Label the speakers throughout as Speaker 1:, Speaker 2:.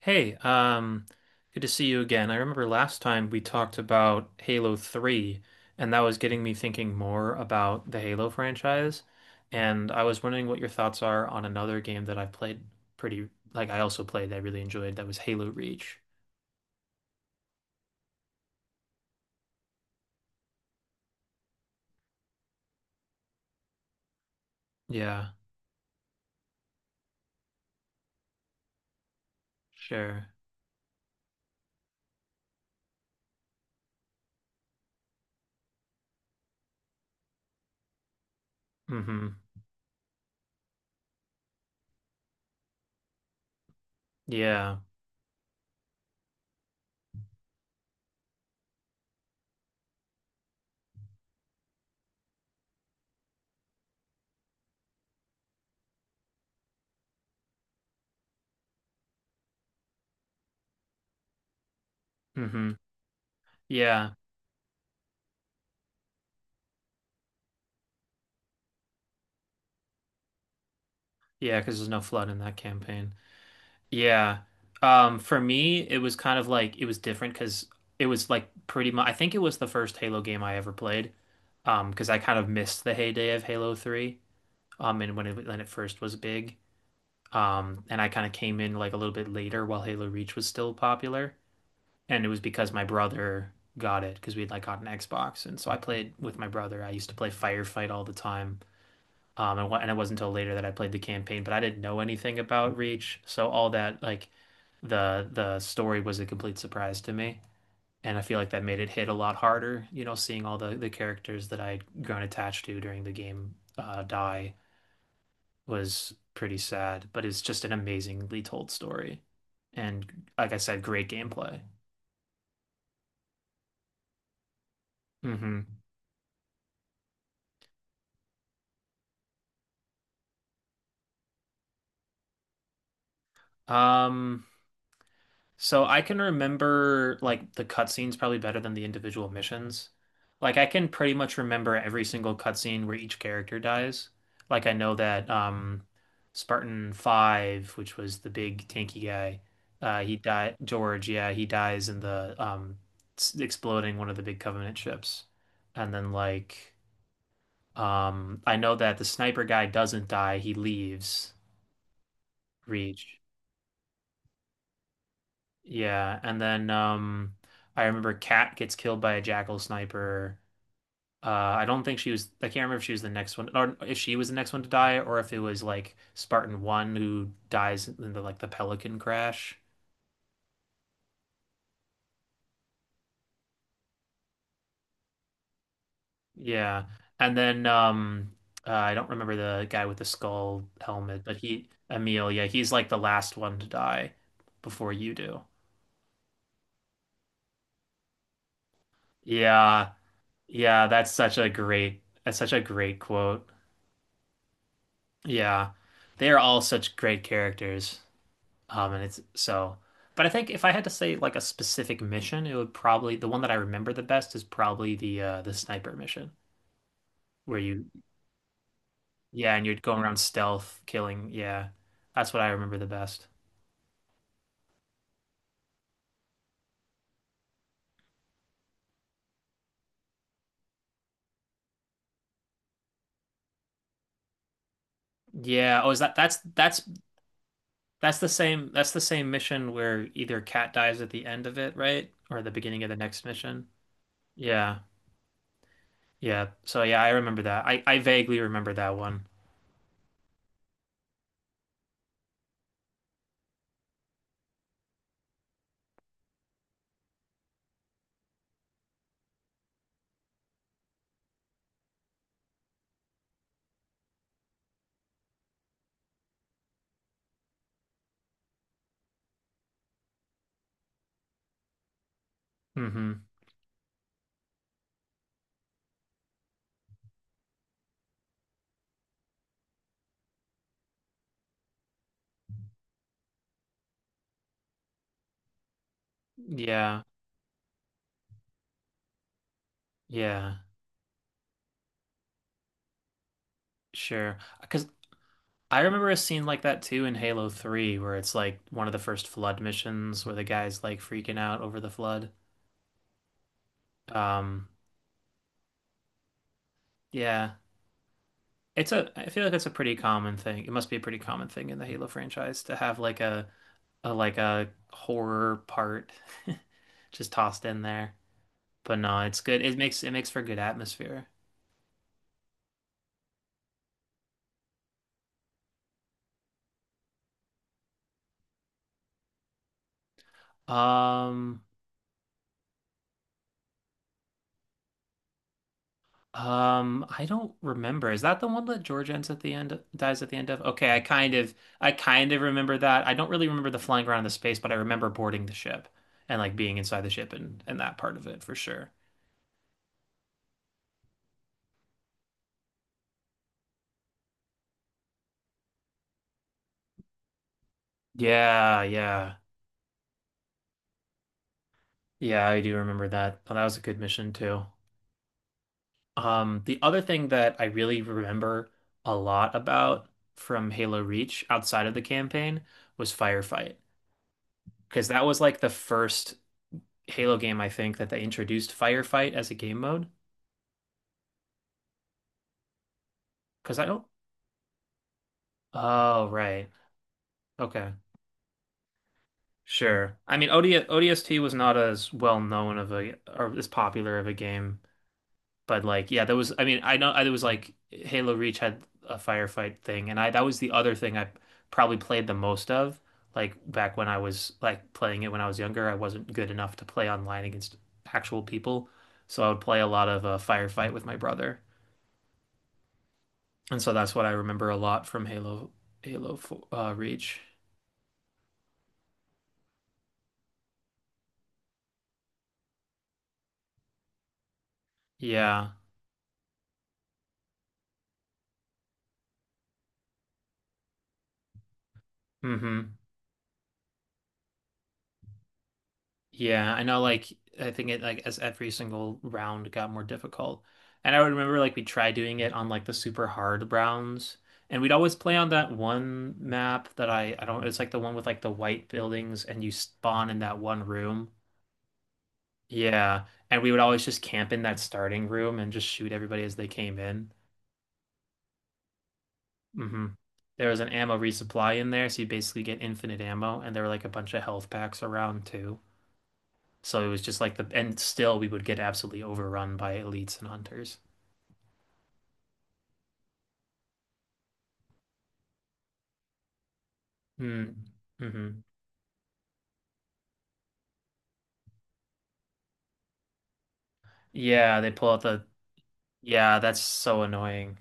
Speaker 1: Hey, good to see you again. I remember last time we talked about Halo 3, and that was getting me thinking more about the Halo franchise. And I was wondering what your thoughts are on another game that I played pretty, like I also played, that I really enjoyed, that was Halo Reach. Yeah, sure. Mm-hmm. Yeah. Mm-hmm. Yeah. Yeah, because there's no flood in that campaign. Yeah. For me, it was kind of like it was different because it was like pretty much, I think it was the first Halo game I ever played. Because I kind of missed the heyday of Halo 3. And when it first was big. And I kind of came in like a little bit later while Halo Reach was still popular. And it was because my brother got it because we'd like got an Xbox. And so I played with my brother. I used to play Firefight all the time. And it wasn't until later that I played the campaign, but I didn't know anything about Reach, so all that like the story was a complete surprise to me, and I feel like that made it hit a lot harder. You know, seeing all the characters that I'd grown attached to during the game die was pretty sad, but it's just an amazingly told story, and like I said, great gameplay. hmm Um, So I can remember like the cutscenes probably better than the individual missions. Like I can pretty much remember every single cutscene where each character dies. Like I know that Spartan 5, which was the big tanky guy, he died George, yeah, he dies in the exploding one of the big Covenant ships. And then like I know that the sniper guy doesn't die, he leaves Reach. Yeah, and then I remember Kat gets killed by a jackal sniper. I can't remember if she was the next one or if she was the next one to die or if it was like Spartan 1 who dies in the Pelican crash. Yeah. And then I don't remember the guy with the skull helmet, but he Emil, yeah, he's like the last one to die before you do. Yeah. Yeah, that's such a great quote. Yeah, they are all such great characters. Um, and it's so, but I think if I had to say like a specific mission, it would probably the one that I remember the best is probably the sniper mission where you yeah, and you're going around stealth killing. Yeah, that's what I remember the best. Yeah. Oh, is that that's the same mission where either Cat dies at the end of it, right? Or the beginning of the next mission. Yeah. Yeah. So yeah, I remember that. I vaguely remember that one. Mm-hmm. Yeah. Yeah. Sure. Because I remember a scene like that too in Halo 3 where it's like one of the first flood missions where the guy's like freaking out over the flood. Um, yeah. It's a I feel like it's a pretty common thing. It must be a pretty common thing in the Halo franchise to have like a horror part just tossed in there. But no, it's good. It makes for good atmosphere. Um I don't remember. Is that the one that George ends at the end, dies at the end of? Okay, I kind of remember that. I don't really remember the flying around in the space, but I remember boarding the ship and like being inside the ship and that part of it for sure. Yeah, yeah, yeah. I do remember that. Well, that was a good mission too. The other thing that I really remember a lot about from Halo Reach outside of the campaign was Firefight, because that was like the first Halo game I think that they introduced Firefight as a game mode. Because I don't. Oh, right. Okay. Sure. I mean, ODST was not as well known of a or as popular of a game, but like, yeah, there was. I mean, I know I, there was like Halo Reach had a firefight thing, and I that was the other thing I probably played the most of. Like back when I was like playing it when I was younger, I wasn't good enough to play online against actual people, so I would play a lot of firefight with my brother, and so that's what I remember a lot from Halo 4, Reach. Yeah. hmm Yeah, I know like I think it like as every single round got more difficult. And I would remember like we tried doing it on like the super hard rounds. And we'd always play on that one map that I don't it's like the one with like the white buildings and you spawn in that one room. Yeah. And we would always just camp in that starting room and just shoot everybody as they came in. hmm There was an ammo resupply in there, so you basically get infinite ammo and there were like a bunch of health packs around too. So it was just like and still we would get absolutely overrun by elites and hunters. Mm. hmm Yeah, they pull out yeah, that's so annoying.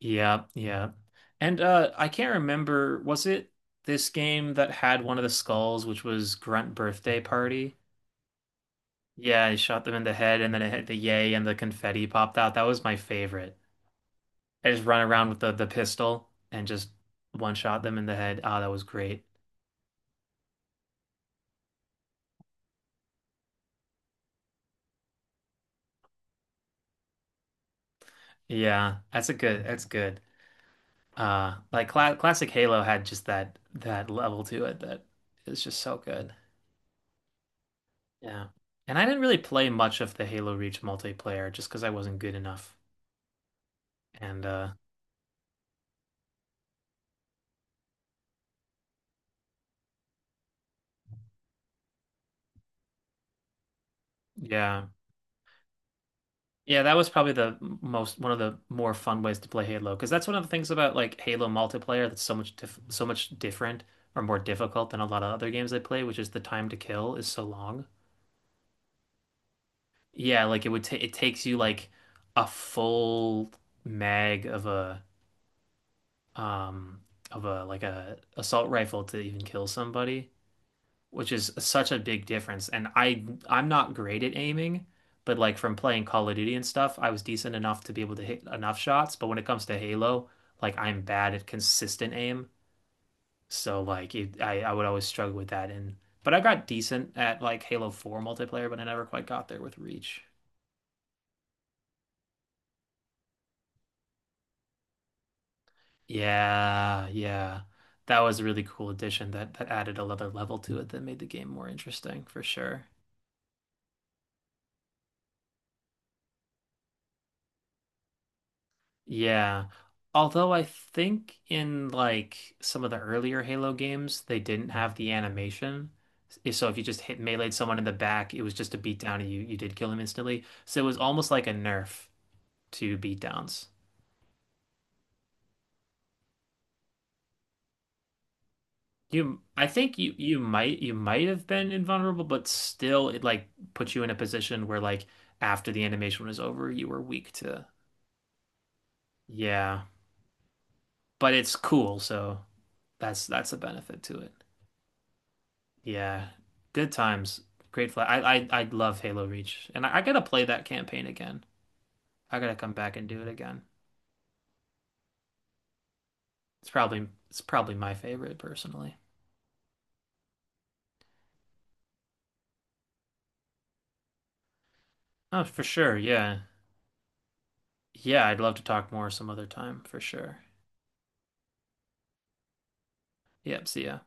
Speaker 1: Yeah, yeah. And I can't remember, was it this game that had one of the skulls, which was Grunt Birthday Party? Yeah, I shot them in the head and then it hit the yay and the confetti popped out. That was my favorite. I just run around with the pistol and just one shot them in the head. Ah, that was great. Yeah, that's a good, that's good. Like classic Halo had just that level to it that is just so good. Yeah. And I didn't really play much of the Halo Reach multiplayer just because I wasn't good enough. And yeah. Yeah, that was probably the most one of the more fun ways to play Halo because that's one of the things about like Halo multiplayer that's so much different or more difficult than a lot of other games I play, which is the time to kill is so long. Yeah, like it would ta it takes you like a full mag um of a like a assault rifle to even kill somebody, which is such a big difference. And I'm not great at aiming, but like from playing Call of Duty and stuff, I was decent enough to be able to hit enough shots. But when it comes to Halo, like I'm bad at consistent aim, so like it, I would always struggle with that. And but I got decent at like Halo 4 multiplayer, but I never quite got there with Reach. Yeah, yeah. That was a really cool addition that added another level to it that made the game more interesting for sure. Yeah. Although I think in like some of the earlier Halo games, they didn't have the animation. So if you just hit meleeed someone in the back, it was just a beatdown and you did kill him instantly. So it was almost like a nerf to beatdowns. I think you might have been invulnerable, but still it like put you in a position where like after the animation was over, you were weak to. Yeah. But it's cool, so that's a benefit to it. Yeah, good times. Great flag. I love Halo Reach, and I gotta play that campaign again. I gotta come back and do it again. It's probably my favorite personally. Oh, for sure. Yeah, yeah. I'd love to talk more some other time for sure. Yep. See ya.